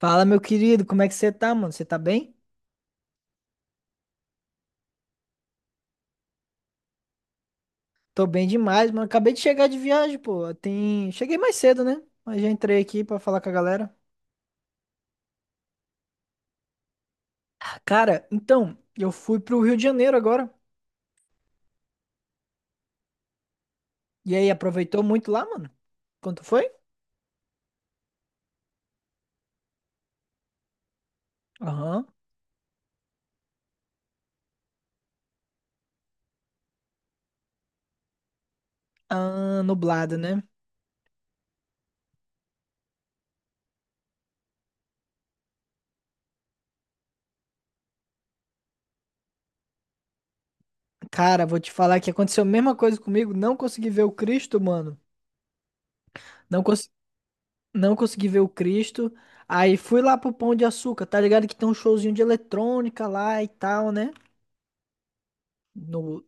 Fala, meu querido, como é que você tá, mano? Você tá bem? Tô bem demais, mano. Acabei de chegar de viagem, pô. Tem... Cheguei mais cedo, né? Mas já entrei aqui pra falar com a galera. Ah, Cara, então, eu fui pro Rio de Janeiro agora. E aí, aproveitou muito lá, mano? Quanto foi? Aham. Ah, nublado, né? Cara, vou te falar que aconteceu a mesma coisa comigo. Não consegui ver o Cristo, mano. Não, cons... não consegui ver o Cristo. Aí fui lá pro Pão de Açúcar, tá ligado? Que tem um showzinho de eletrônica lá e tal, né? No...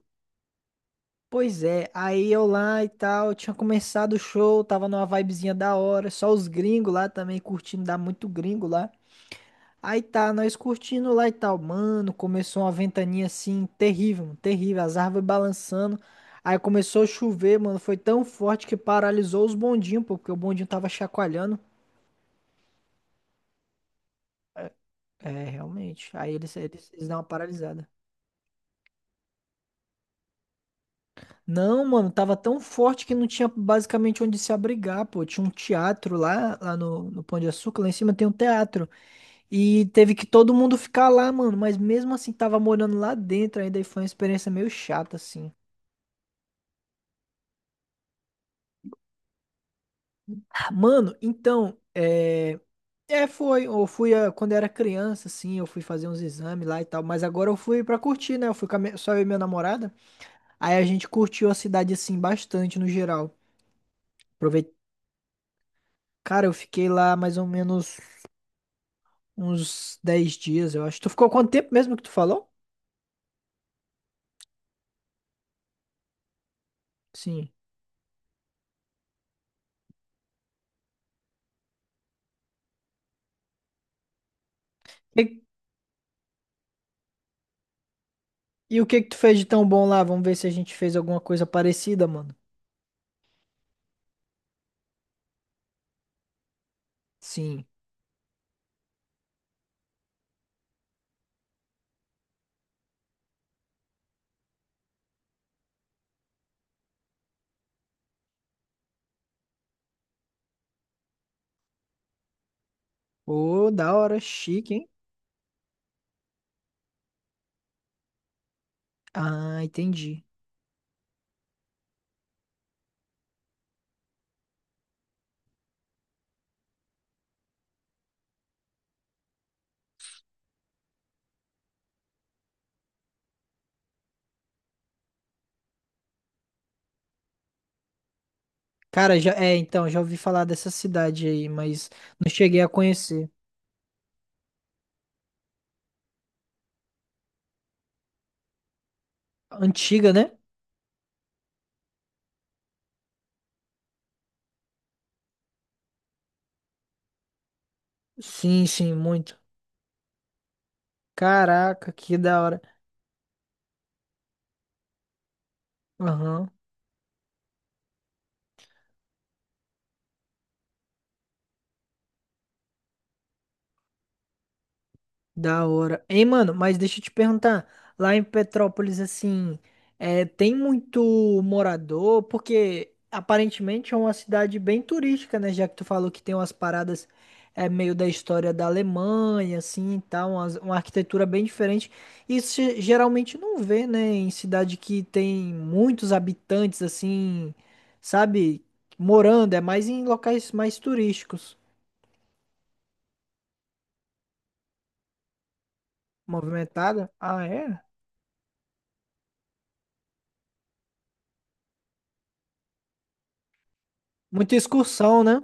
Pois é, aí eu lá e tal, tinha começado o show, tava numa vibezinha da hora, só os gringos lá também curtindo, dá muito gringo lá. Aí tá, nós curtindo lá e tal, mano, começou uma ventania assim, terrível, mano, terrível, as árvores balançando. Aí começou a chover, mano, foi tão forte que paralisou os bondinhos, pô, porque o bondinho tava chacoalhando. É, realmente, aí eles dão uma paralisada. Não, mano, tava tão forte que não tinha basicamente onde se abrigar, pô. Tinha um teatro lá, no Pão de Açúcar, lá em cima tem um teatro. E teve que todo mundo ficar lá, mano. Mas mesmo assim, tava morando lá dentro ainda e foi uma experiência meio chata, assim. Mano, então, é. É, foi. Eu fui quando eu era criança, assim, eu fui fazer uns exames lá e tal. Mas agora eu fui pra curtir, né? Eu fui com a só eu e minha namorada. Aí a gente curtiu a cidade, assim, bastante no geral. Aproveitei. Cara, eu fiquei lá mais ou menos. Uns 10 dias, eu acho. Tu ficou quanto tempo mesmo que tu falou? Sim. E, e o que que tu fez de tão bom lá? Vamos ver se a gente fez alguma coisa parecida, mano. Sim. Ô, da hora, chique, hein? Ah, entendi. Cara, já, é, então, já ouvi falar dessa cidade aí, mas não cheguei a conhecer. Antiga, né? Sim, sim, muito. Caraca, que da hora. Aham. Da hora. Ei, mano, mas deixa eu te perguntar, lá em Petrópolis, assim, é, tem muito morador, porque aparentemente é uma cidade bem turística, né? Já que tu falou que tem umas paradas é, meio da história da Alemanha, assim, e tal, uma arquitetura bem diferente. Isso geralmente não vê, né? Em cidade que tem muitos habitantes, assim, sabe, morando, é mais em locais mais turísticos. Movimentada? Ah, é? Muita excursão, né?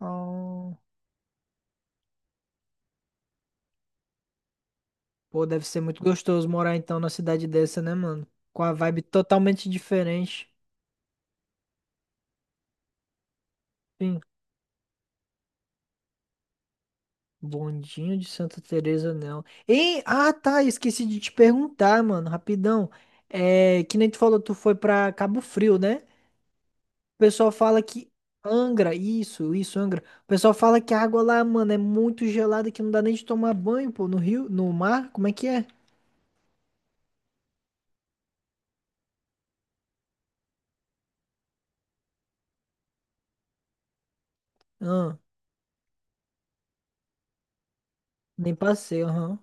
Oh, pô, deve ser muito gostoso morar então na cidade dessa, né, mano? Com a vibe totalmente diferente. Sim, bondinho de Santa Teresa, não. E, ah, tá, esqueci de te perguntar, mano, rapidão. É, que nem tu falou, tu foi pra Cabo Frio, né? O pessoal fala que Angra, isso, Angra. O pessoal fala que a água lá, mano, é muito gelada que não dá nem de tomar banho, pô, no rio, no mar, como é que é? Ah, nem passei, aham.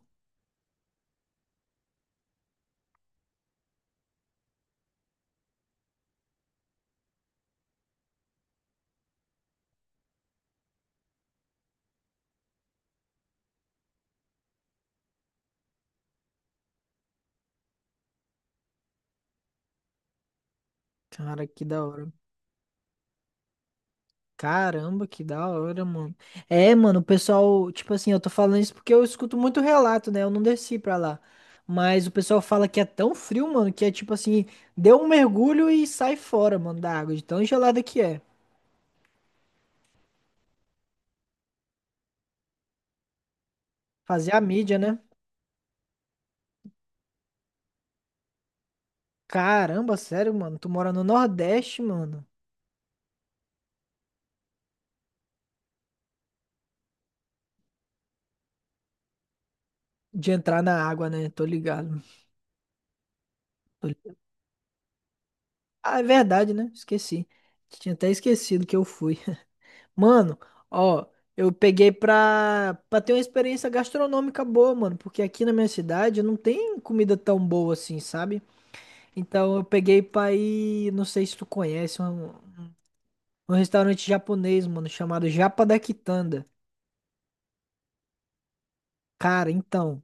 Cara, que da hora. Caramba, que da hora, mano. É, mano, o pessoal, tipo assim, eu tô falando isso porque eu escuto muito relato, né? Eu não desci pra lá. Mas o pessoal fala que é tão frio, mano, que é tipo assim, deu um mergulho e sai fora, mano, da água, de tão gelada que é. Fazer a mídia, né? Caramba, sério, mano, tu mora no Nordeste, mano. De entrar na água, né? Tô ligado. Tô li- Ah, é verdade, né? Esqueci. Tinha até esquecido que eu fui. Mano, ó, eu peguei pra ter uma experiência gastronômica boa, mano, porque aqui na minha cidade não tem comida tão boa assim, sabe? Então eu peguei pra ir, não sei se tu conhece, um restaurante japonês, mano, chamado Japa da Quitanda. Cara, então.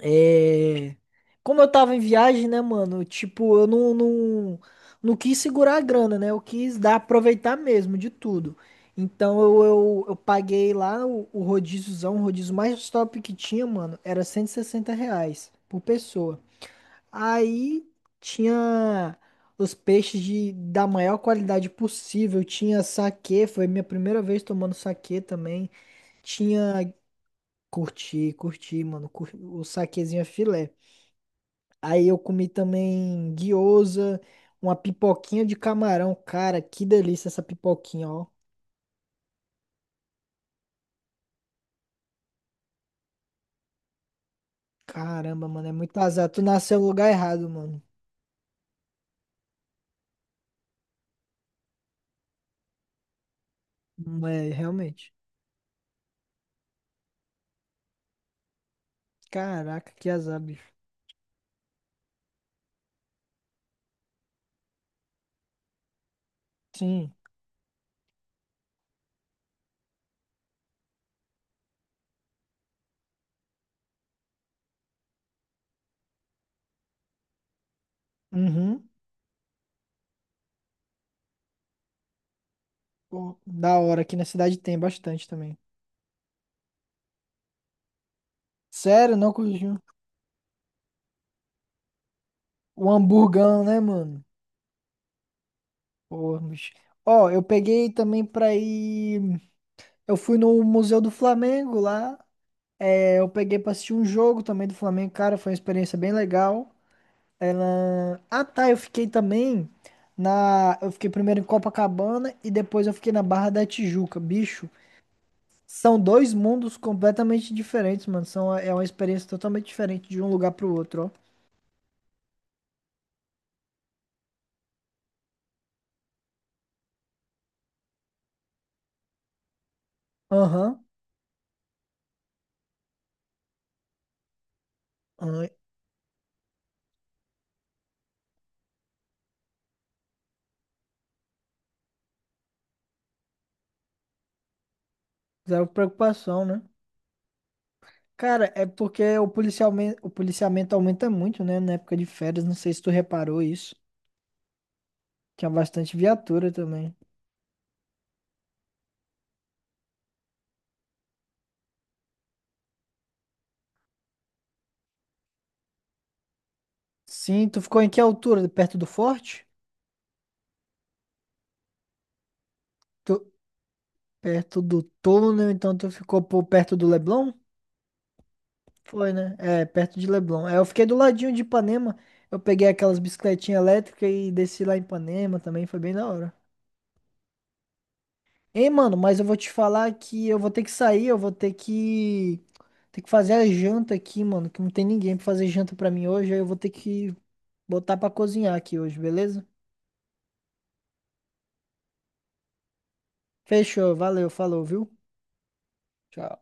É... Como eu tava em viagem, né, mano? Tipo, eu não quis segurar a grana, né? Eu quis dar, aproveitar mesmo de tudo. Então eu paguei lá o rodíziozão, o rodízio mais top que tinha, mano, era R$ 160 por pessoa. Aí tinha os peixes da maior qualidade possível. Tinha saquê, foi minha primeira vez tomando saquê também. Tinha. Curti, curti, mano. O saquezinho é filé. Aí eu comi também guiosa, uma pipoquinha de camarão. Cara, que delícia essa pipoquinha, ó. Caramba, mano, é muito azar. Tu nasceu no lugar errado, mano. Não É, realmente. Caraca, que azar, bicho. Sim. Uhum. Pô, da hora. Aqui na cidade tem bastante também. Sério, não curtiu? O hamburgão, né, mano? Pô, bicho. Ó, eu peguei também pra ir. Eu fui no Museu do Flamengo lá. É, eu peguei pra assistir um jogo também do Flamengo, cara, foi uma experiência bem legal. Ah, tá, eu fiquei também Eu fiquei primeiro em Copacabana e depois eu fiquei na Barra da Tijuca. Bicho, são dois mundos completamente diferentes, mano. É uma experiência totalmente diferente de um lugar pro outro, ó. Aham, aham. Zero preocupação, né? Cara, é porque o o policiamento aumenta muito, né? Na época de férias, não sei se tu reparou isso. Tinha bastante viatura também. Sim, tu ficou em que altura? Perto do forte? Tu- perto do túnel, então tu ficou por perto do Leblon? Foi, né? É, perto de Leblon. É, eu fiquei do ladinho de Ipanema. Eu peguei aquelas bicicletinhas elétricas e desci lá em Ipanema também, foi bem da hora. Ei, mano, mas eu vou te falar que eu vou ter que sair, eu vou ter que fazer a janta aqui, mano, que não tem ninguém pra fazer janta pra mim hoje, aí eu vou ter que botar pra cozinhar aqui hoje, beleza? Fechou, valeu, falou, viu? Tchau.